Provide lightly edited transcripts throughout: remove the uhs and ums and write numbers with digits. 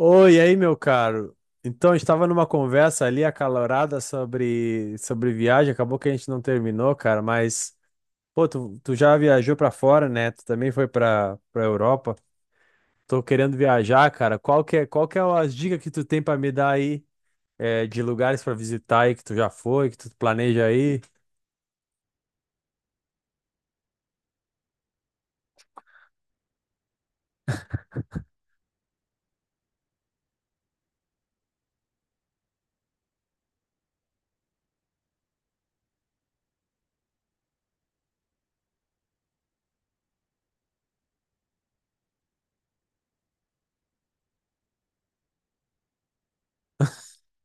Oi, e aí, meu caro? Então, a gente estava numa conversa ali acalorada sobre viagem, acabou que a gente não terminou, cara, mas, pô, tu já viajou pra fora, né? Tu também foi pra Europa. Tô querendo viajar, cara. Qual que é as dicas que tu tem pra me dar aí, é, de lugares pra visitar aí que tu já foi, que tu planeja aí?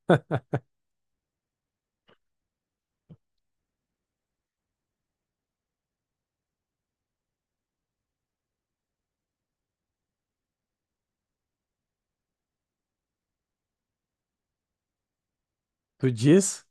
Tu diz?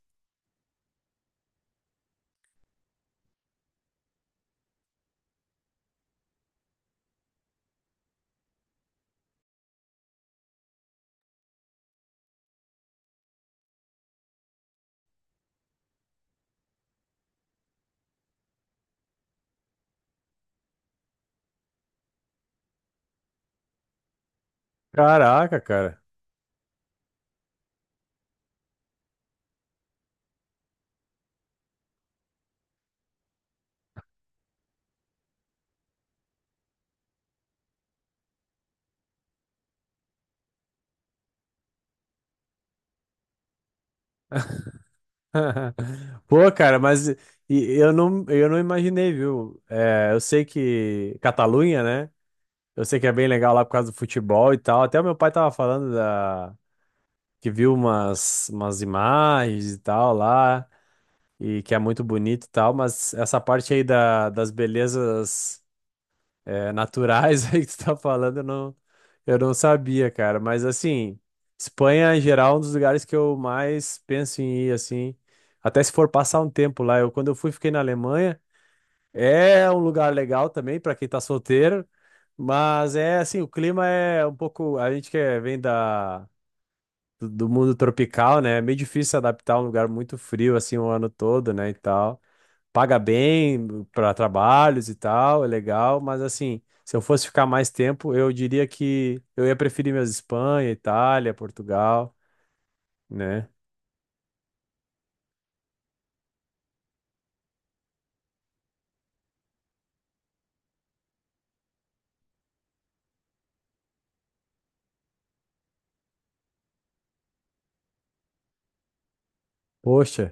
Caraca, cara. Pô, cara, mas eu não imaginei, viu? É, eu sei que Catalunha, né? Eu sei que é bem legal lá por causa do futebol e tal. Até o meu pai tava falando da... que viu umas imagens e tal lá, e que é muito bonito e tal, mas essa parte aí da... das belezas é, naturais aí que tu tá falando, eu não sabia, cara. Mas assim, Espanha em geral é um dos lugares que eu mais penso em ir, assim. Até se for passar um tempo lá. Quando eu fui, fiquei na Alemanha. É um lugar legal também para quem tá solteiro, mas é assim, o clima é um pouco, a gente que vem da do mundo tropical, né? É meio difícil se adaptar a um lugar muito frio assim o ano todo, né, e tal. Paga bem para trabalhos e tal, é legal, mas assim, se eu fosse ficar mais tempo, eu diria que eu ia preferir mesmo Espanha, Itália, Portugal, né? Poxa,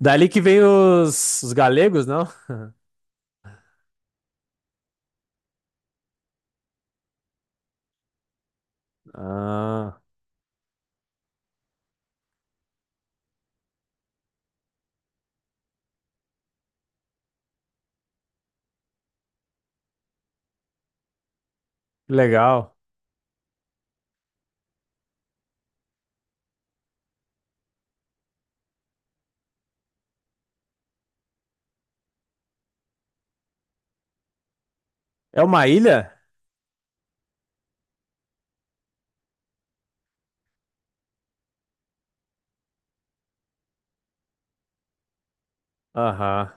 dali que vem os galegos, não? Ah, legal. É uma ilha? Aham.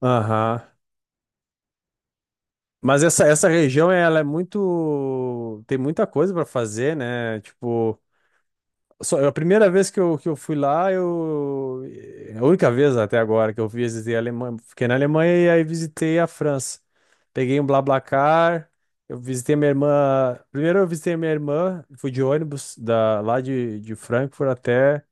Aham. Mas essa região, ela é muito. Tem muita coisa para fazer, né? Tipo, só, a primeira vez que eu fui lá, eu. É a única vez até agora que eu visitei a Alemanha. Fiquei na Alemanha e aí visitei a França. Peguei um BlaBlaCar, eu visitei minha irmã. Primeiro eu visitei minha irmã, fui de ônibus da, lá de Frankfurt até.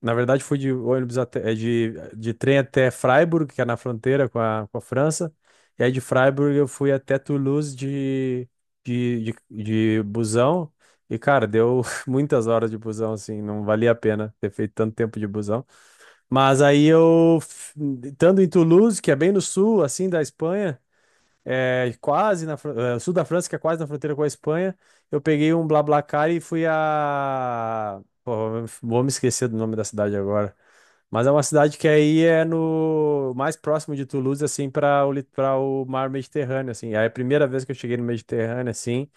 Na verdade, fui de ônibus até, é, de trem até Freiburg, que é na fronteira com a França. E aí de Freiburg eu fui até Toulouse de, de, de busão. E, cara, deu muitas horas de busão, assim, não valia a pena ter feito tanto tempo de busão. Mas aí eu, estando em Toulouse, que é bem no sul, assim, da Espanha, é quase na, é, sul da França, que é quase na fronteira com a Espanha, eu peguei um BlaBlaCar e fui a... Vou me esquecer do nome da cidade agora. Mas é uma cidade que aí é no mais próximo de Toulouse, assim, para o, para o mar Mediterrâneo, assim. Aí é a primeira vez que eu cheguei no Mediterrâneo, assim,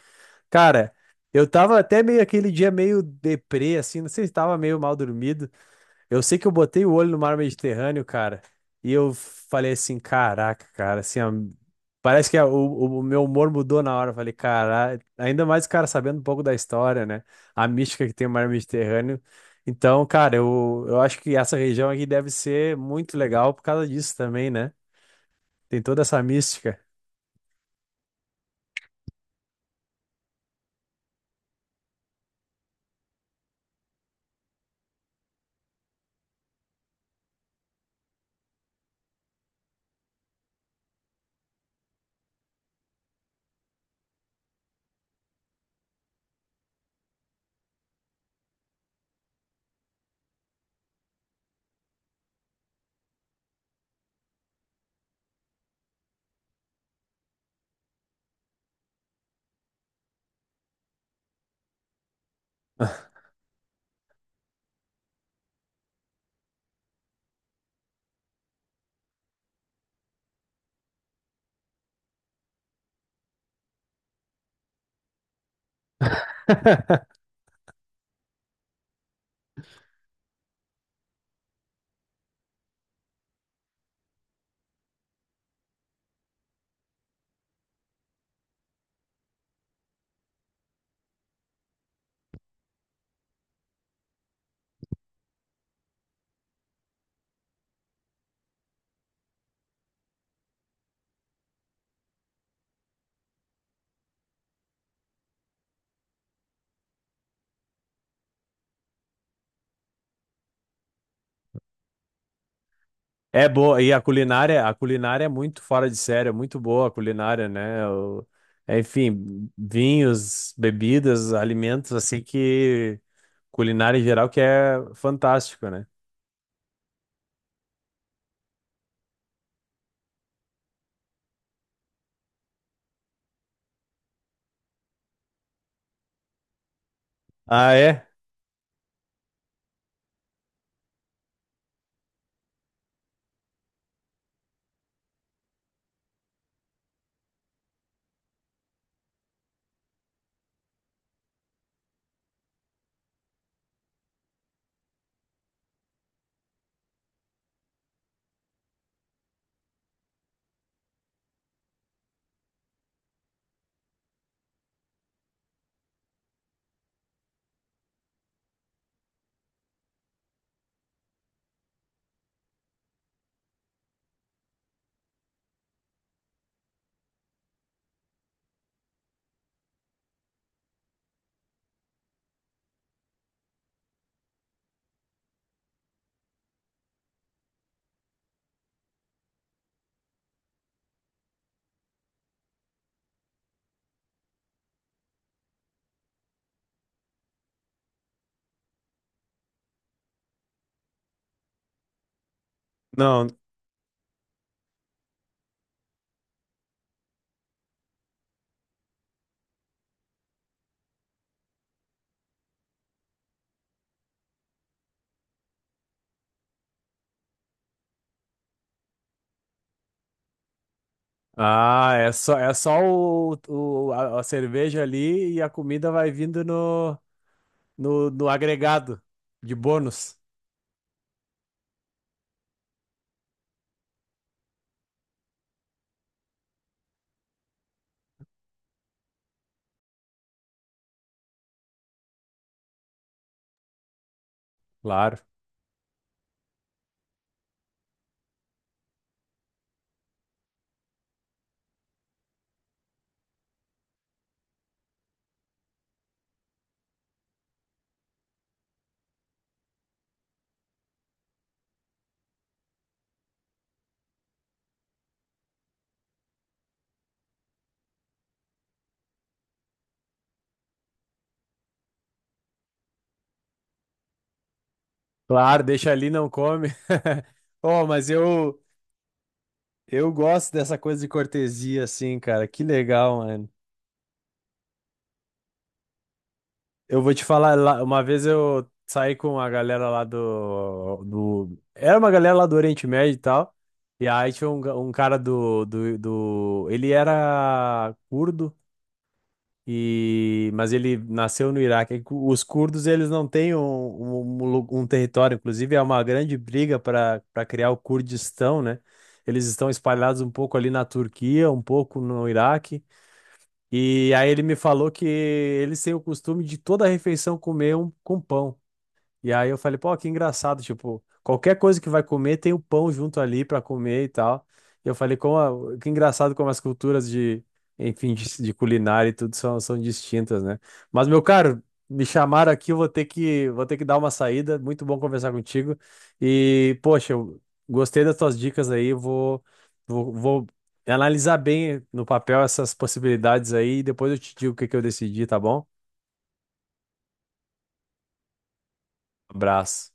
cara, eu tava até meio aquele dia meio deprê, assim, não sei se tava meio mal dormido, eu sei que eu botei o olho no mar Mediterrâneo, cara, e eu falei assim, caraca, cara, assim, ó, parece que o meu humor mudou na hora. Eu falei, cara, ainda mais, cara, sabendo um pouco da história, né? A mística que tem o mar Mediterrâneo. Então, cara, eu acho que essa região aqui deve ser muito legal por causa disso também, né? Tem toda essa mística. É boa, e a culinária é muito fora de série, é muito boa a culinária, né? É, enfim, vinhos, bebidas, alimentos, assim que culinária em geral que é fantástico, né? Ah, é? Não. Ah, é só a cerveja ali e a comida vai vindo no agregado de bônus. Claro. Claro, deixa ali, não come. Oh, mas eu gosto dessa coisa de cortesia, assim, cara. Que legal, mano. Eu vou te falar, lá- uma vez eu saí com a galera lá do... Era uma galera lá do Oriente Médio e tal. E aí tinha um, um cara do... Ele era curdo, e... mas ele nasceu no Iraque. E os curdos, eles não têm um território. Inclusive, é uma grande briga para criar o Kurdistão, né? Eles estão espalhados um pouco ali na Turquia, um pouco no Iraque. E aí ele me falou que eles têm o costume de toda refeição comer um com pão. E aí eu falei, pô, que engraçado, tipo, qualquer coisa que vai comer tem o pão junto ali pra comer e tal. E eu falei, como que engraçado como as culturas de, enfim, de culinária e tudo são distintas, né? Mas, meu caro, me chamaram aqui, eu vou ter que dar uma saída. Muito bom conversar contigo. E, poxa, eu gostei das tuas dicas aí, vou analisar bem no papel essas possibilidades aí e depois eu te digo o que que eu decidi, tá bom? Abraço.